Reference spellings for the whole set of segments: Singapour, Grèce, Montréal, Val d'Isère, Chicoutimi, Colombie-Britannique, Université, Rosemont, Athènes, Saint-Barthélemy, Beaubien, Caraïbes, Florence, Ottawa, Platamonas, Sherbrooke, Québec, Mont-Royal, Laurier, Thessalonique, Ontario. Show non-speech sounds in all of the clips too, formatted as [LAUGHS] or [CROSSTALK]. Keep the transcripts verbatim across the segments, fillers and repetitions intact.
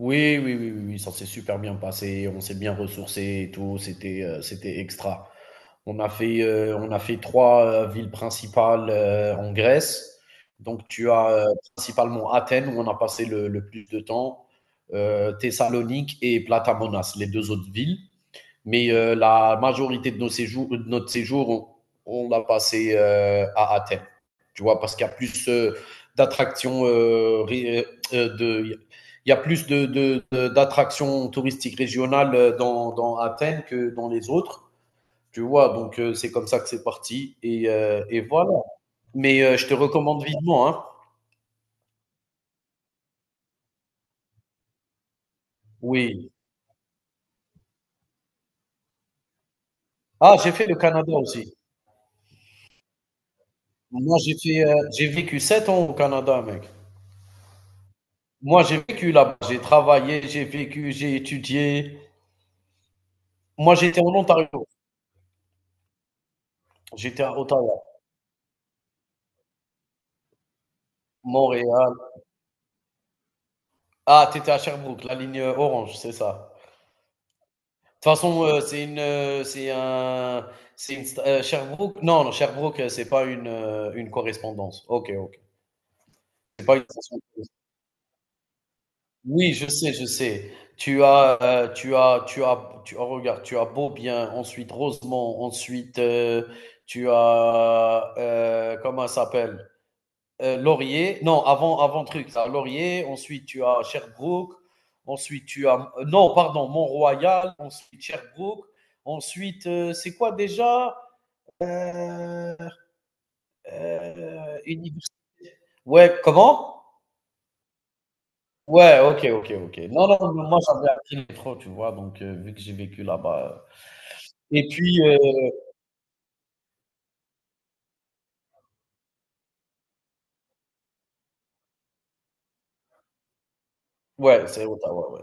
Oui, oui, oui, oui, oui, ça s'est super bien passé. On s'est bien ressourcé et tout. C'était, euh, c'était extra. On a fait, euh, on a fait trois euh, villes principales euh, en Grèce. Donc, tu as euh, principalement Athènes, où on a passé le, le plus de temps, euh, Thessalonique et Platamonas, les deux autres villes. Mais euh, la majorité de, nos séjours, de notre séjour, on, on l'a passé euh, à Athènes. Tu vois, parce qu'il y a plus euh, d'attractions euh, de. Il y a plus de- de- de- d'attractions touristiques régionales euh, dans, dans Athènes que dans les autres. Tu vois, donc euh, c'est comme ça que c'est parti. Et, euh, et voilà. Mais euh, je te recommande vivement, hein. Oui. Ah, j'ai fait le Canada aussi. Moi, j'ai fait, euh, j'ai vécu sept ans au Canada, mec. Moi, j'ai vécu là-bas, j'ai travaillé, j'ai vécu, j'ai étudié. Moi, j'étais en Ontario, j'étais à Ottawa, Montréal. Ah, tu étais à Sherbrooke, la ligne euh, orange, c'est ça. De toute façon, euh, c'est une, euh, c'est un, c'est une sta- euh, Sherbrooke. Non, non, Sherbrooke, euh, c'est pas une, euh, une correspondance. Ok, ok. C'est pas une station de correspondance. Oui, je sais, je sais. Tu as, euh, tu as, tu as, tu as regarde, tu as Beaubien, ensuite Rosemont, ensuite euh, tu as, euh, comment ça s'appelle? euh, Laurier. Non, avant, avant truc, ça. Laurier. Ensuite, tu as Sherbrooke. Ensuite, tu as. Euh, Non, pardon, Mont-Royal. Ensuite, Sherbrooke. Ensuite, euh, c'est quoi déjà? Euh, euh, Université. Ouais, comment? Ouais, ok, ok, ok. Non, non, moi, j'avais appris le métro, tu vois. Donc, euh, vu que j'ai vécu là-bas. euh. Et puis, euh, ouais, c'est Ottawa, ouais.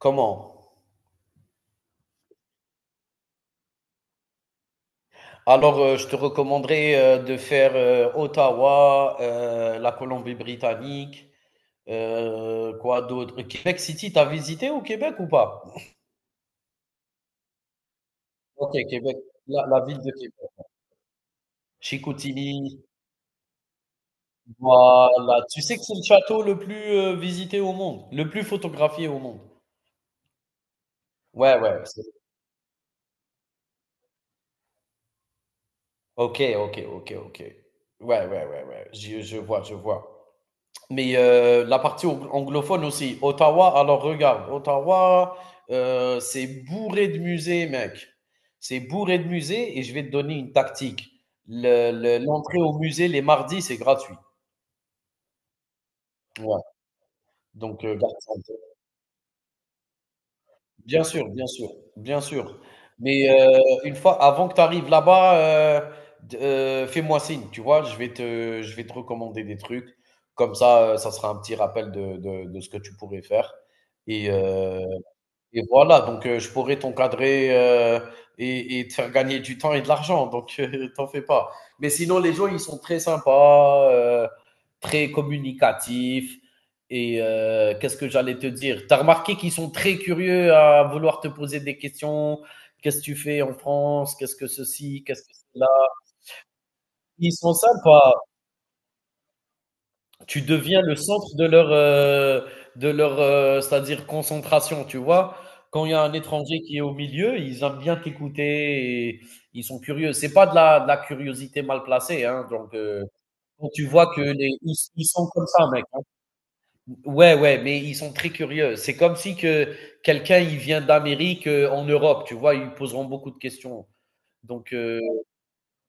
Comment? Alors, euh, je te recommanderais euh, de faire euh, Ottawa, euh, la Colombie-Britannique, Euh, quoi d'autre? Québec City, t'as visité au Québec ou pas? Ok, Québec, la, la ville de Québec. Chicoutimi, voilà. Tu sais que c'est le château le plus euh, visité au monde, le plus photographié au monde. Ouais, ouais. c'est- Ok, ok, ok, ok. Ouais, ouais, ouais, ouais. Je, je vois, je vois. Mais euh, la partie ang- anglophone aussi. Ottawa, alors regarde, Ottawa, euh, c'est bourré de musées, mec. C'est bourré de musées et je vais te donner une tactique. Le- le- l'entrée au musée les mardis, c'est gratuit. Ouais. Donc, euh, garde ça en tête. Bien sûr, bien sûr, bien sûr. Mais euh, une fois, avant que tu arrives là-bas, euh, d- euh, fais-moi signe, tu vois, je vais te, je vais te recommander des trucs. Comme ça, euh, ça sera un petit rappel de, de- de ce que tu pourrais faire. Et, euh, Et voilà, donc heu, je pourrais t'encadrer, heu et et te faire gagner du temps et de l'argent, donc [LAUGHS] heu, t'en fais pas. Mais sinon, les gens, ils sont très sympas, heu, très communicatifs et heu, qu'est-ce que j'allais te dire? T'as remarqué qu'ils sont très curieux à vouloir te poser des questions: «Qu'est-ce que tu fais en France? Qu'est-ce que ceci? Qu'est-ce que cela?» Ils sont sympas. Tu deviens le centre de leur, euh, de leur euh, c'est-à-dire concentration, tu vois. Quand il y a un étranger qui est au milieu, ils aiment bien t'écouter et ils sont curieux. C'est pas de la, de la curiosité mal placée, hein. Donc, euh, quand tu vois que les, ils, ils sont comme ça, mec. Hein. Ouais, ouais, mais ils sont très curieux. C'est comme si que quelqu'un il vient d'Amérique euh, en Europe, tu vois, ils poseront beaucoup de questions. Donc, euh,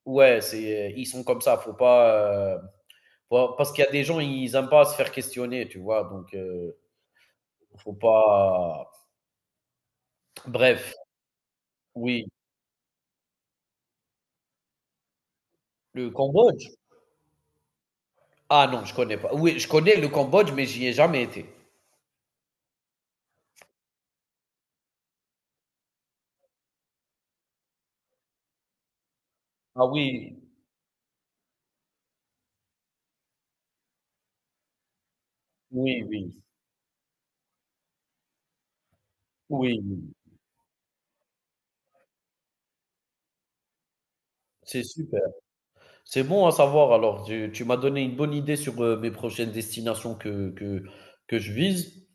ouais, c'est, ils sont comme ça. Faut pas, euh, parce qu'il y a des gens, ils n'aiment pas se faire questionner, tu vois. Donc, euh, faut pas. Bref, oui. Le Cambodge? Ah non, je connais pas. Oui, je connais le Cambodge, mais j'y ai jamais été. Ah oui, oui, oui, oui, oui. C'est super. C'est bon à savoir. Alors, tu, tu m'as donné une bonne idée sur euh, mes prochaines destinations que, que, que je vise.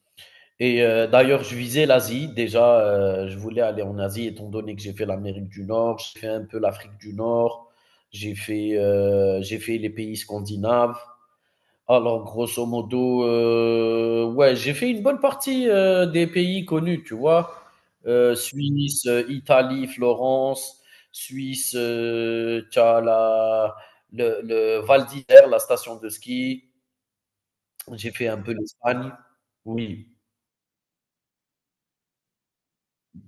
Et euh, d'ailleurs, je visais l'Asie. Déjà, euh, je voulais aller en Asie, étant donné que j'ai fait l'Amérique du Nord, j'ai fait un peu l'Afrique du Nord, j'ai fait, euh, j'ai fait les pays scandinaves. Alors, grosso modo, euh, ouais, j'ai fait une bonne partie euh, des pays connus, tu vois. Euh, Suisse, euh, Italie, Florence, Suisse, euh, t'as la- le, le Val d'Isère, la station de ski. J'ai fait un peu l'Espagne. Oui,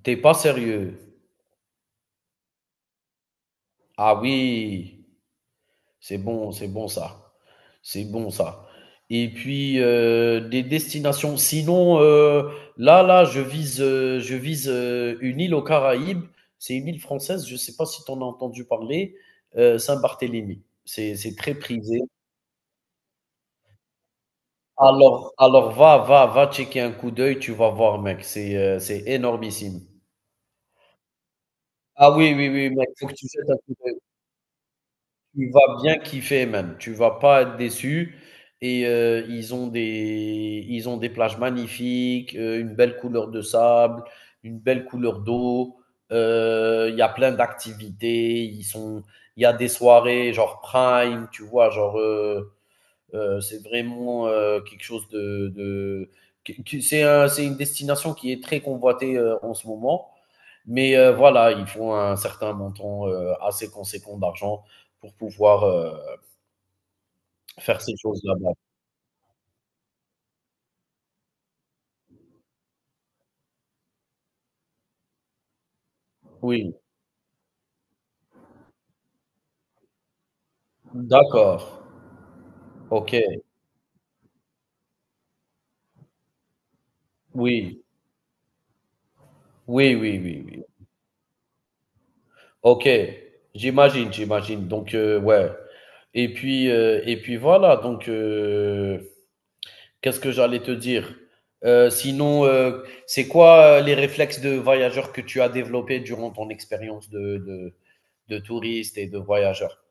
t'es pas sérieux. Ah oui, c'est bon, c'est bon ça. C'est bon ça. Et puis heu, des destinations sinon, heu, là là, je vise, heu, je vise, heu, une île aux Caraïbes. C'est une île française, je ne sais pas si tu en as entendu parler, heu, Saint-Barthélemy. C'est c'est très prisé. Alors alors, va va va checker un coup d'œil, tu vas voir mec, c'est, heu, c'est énormissime. Ah oui, oui, oui, mec, faut que tu jettes un coup d'œil. Tu vas bien kiffer même, tu vas pas être déçu et heu, ils ont des ils ont des plages magnifiques, heu, une belle couleur de sable, une belle couleur d'eau, heu, il y a plein d'activités, ils sont il y a des soirées genre prime, tu vois? Genre, heu, euh, c'est vraiment euh, quelque chose de. de- c'est un- c'est une destination qui est très convoitée euh, en ce moment. Mais euh, voilà, il faut un certain montant euh, assez conséquent d'argent pour pouvoir euh, faire ces choses là-bas. Oui, d'accord. Ok. Oui, oui, oui, oui, oui. Ok, j'imagine, j'imagine. Donc, euh, ouais. Et puis, euh, et puis voilà. Donc, euh, qu'est-ce que j'allais te dire? Euh, sinon, euh, c'est quoi euh, les réflexes de voyageur que tu as développés durant ton expérience de, de, de touriste et de voyageur?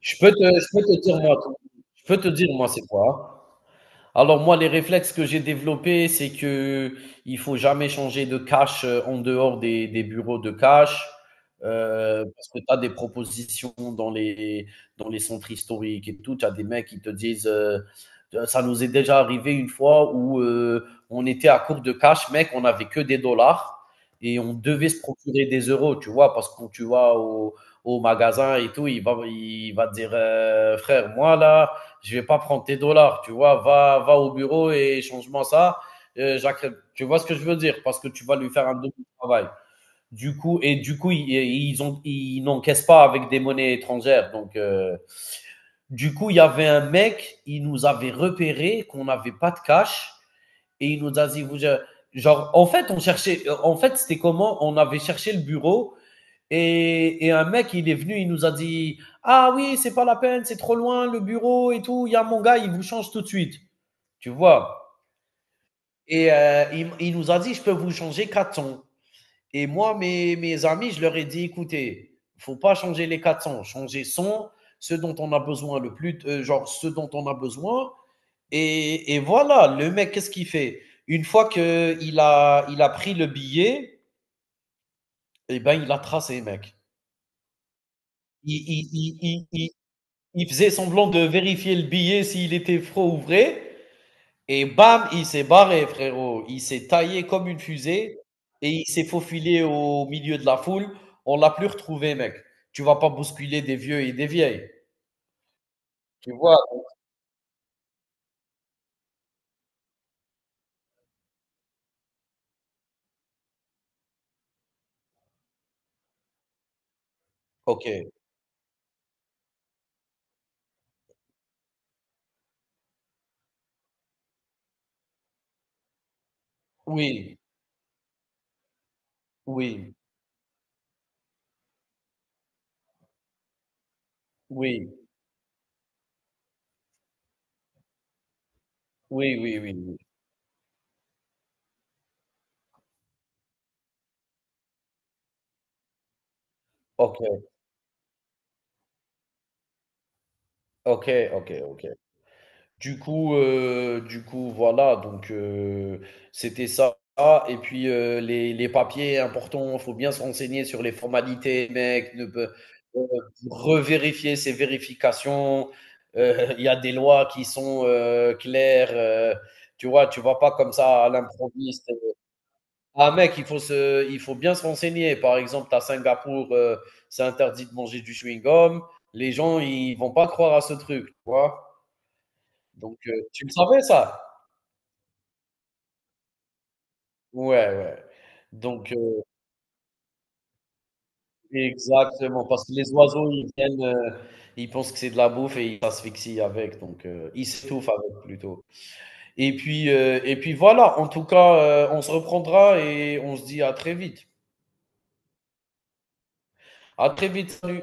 Je peux te, je peux te dire, moi, je peux te dire, moi, c'est quoi? Alors moi, les réflexes que j'ai développés, c'est que il faut jamais changer de cash euh, en dehors des, des bureaux de cash, euh, parce que tu as des propositions dans les, dans les centres historiques et tout. Tu as des mecs qui te disent, euh, ça nous est déjà arrivé une fois où euh, on était à court de cash, mec, on n'avait que des dollars et on devait se procurer des euros, tu vois, parce que quand tu vas au, au magasin et tout, il va, il va te dire, euh, frère, moi là, je vais pas prendre tes dollars, tu vois, va, va au bureau et change-moi ça. Euh, Tu vois ce que je veux dire? Parce que tu vas lui faire un double travail. Du coup, et du coup, ils, ils ont, ils n'encaissent pas avec des monnaies étrangères. Donc, euh, du coup, il y avait un mec, il nous avait repéré qu'on n'avait pas de cash et il nous a dit, vous, genre, en fait, on cherchait, en fait, c'était comment? On avait cherché le bureau et, et un mec, il est venu, il nous a dit: ah oui, c'est pas la peine, c'est trop loin, le bureau et tout. Il y a mon gars, il vous change tout de suite. Tu vois? Et euh, il, il nous a dit: je peux vous changer quatre cents. Et moi, mes, mes amis, je leur ai dit: écoutez, il ne faut pas changer les quatre cents, changer cent, ce dont on a besoin le plus, euh, genre ce dont on a besoin. Et, et voilà, le mec, qu'est-ce qu'il fait? Une fois qu'il a, il a pris le billet, eh ben, il a tracé, mec. il, il- il- il- il faisait semblant de vérifier le billet s'il était faux ou vrai. Et bam, il s'est barré, frérot. Il s'est taillé comme une fusée et il s'est faufilé au milieu de la foule. On l'a plus retrouvé, mec. Tu vas pas bousculer des vieux et des vieilles. Tu vois? Ok. Oui, oui, oui, oui, oui, oui. oui. Ok, ok, ok, ok. Du coup, heu, du coup, voilà, donc heu, c'était ça et puis, heu, les les papiers importants, il faut bien se renseigner sur les formalités, mec, ne pe heu, revérifier ces vérifications. Heu, [LAUGHS] il y a des lois qui sont, heu, claires, heu, tu vois? Tu vas pas comme ça à l'improviste. Ah mec, il faut se il faut bien se renseigner. Par exemple, à Singapour, heu, c'est interdit de manger du chewing-gum. Les gens, ils vont pas croire à ce truc, tu vois? Donc heu, tu le savais ça? Ouais, ouais. Donc, heu, exactement, parce que les oiseaux, ils viennent, heu, ils pensent que c'est de la bouffe et ils s'asphyxient avec, donc, heu, ils s'étouffent avec plutôt. Et puis, heu, et puis voilà, en tout cas, heu, on se reprendra et on se dit à très vite. À très vite, salut.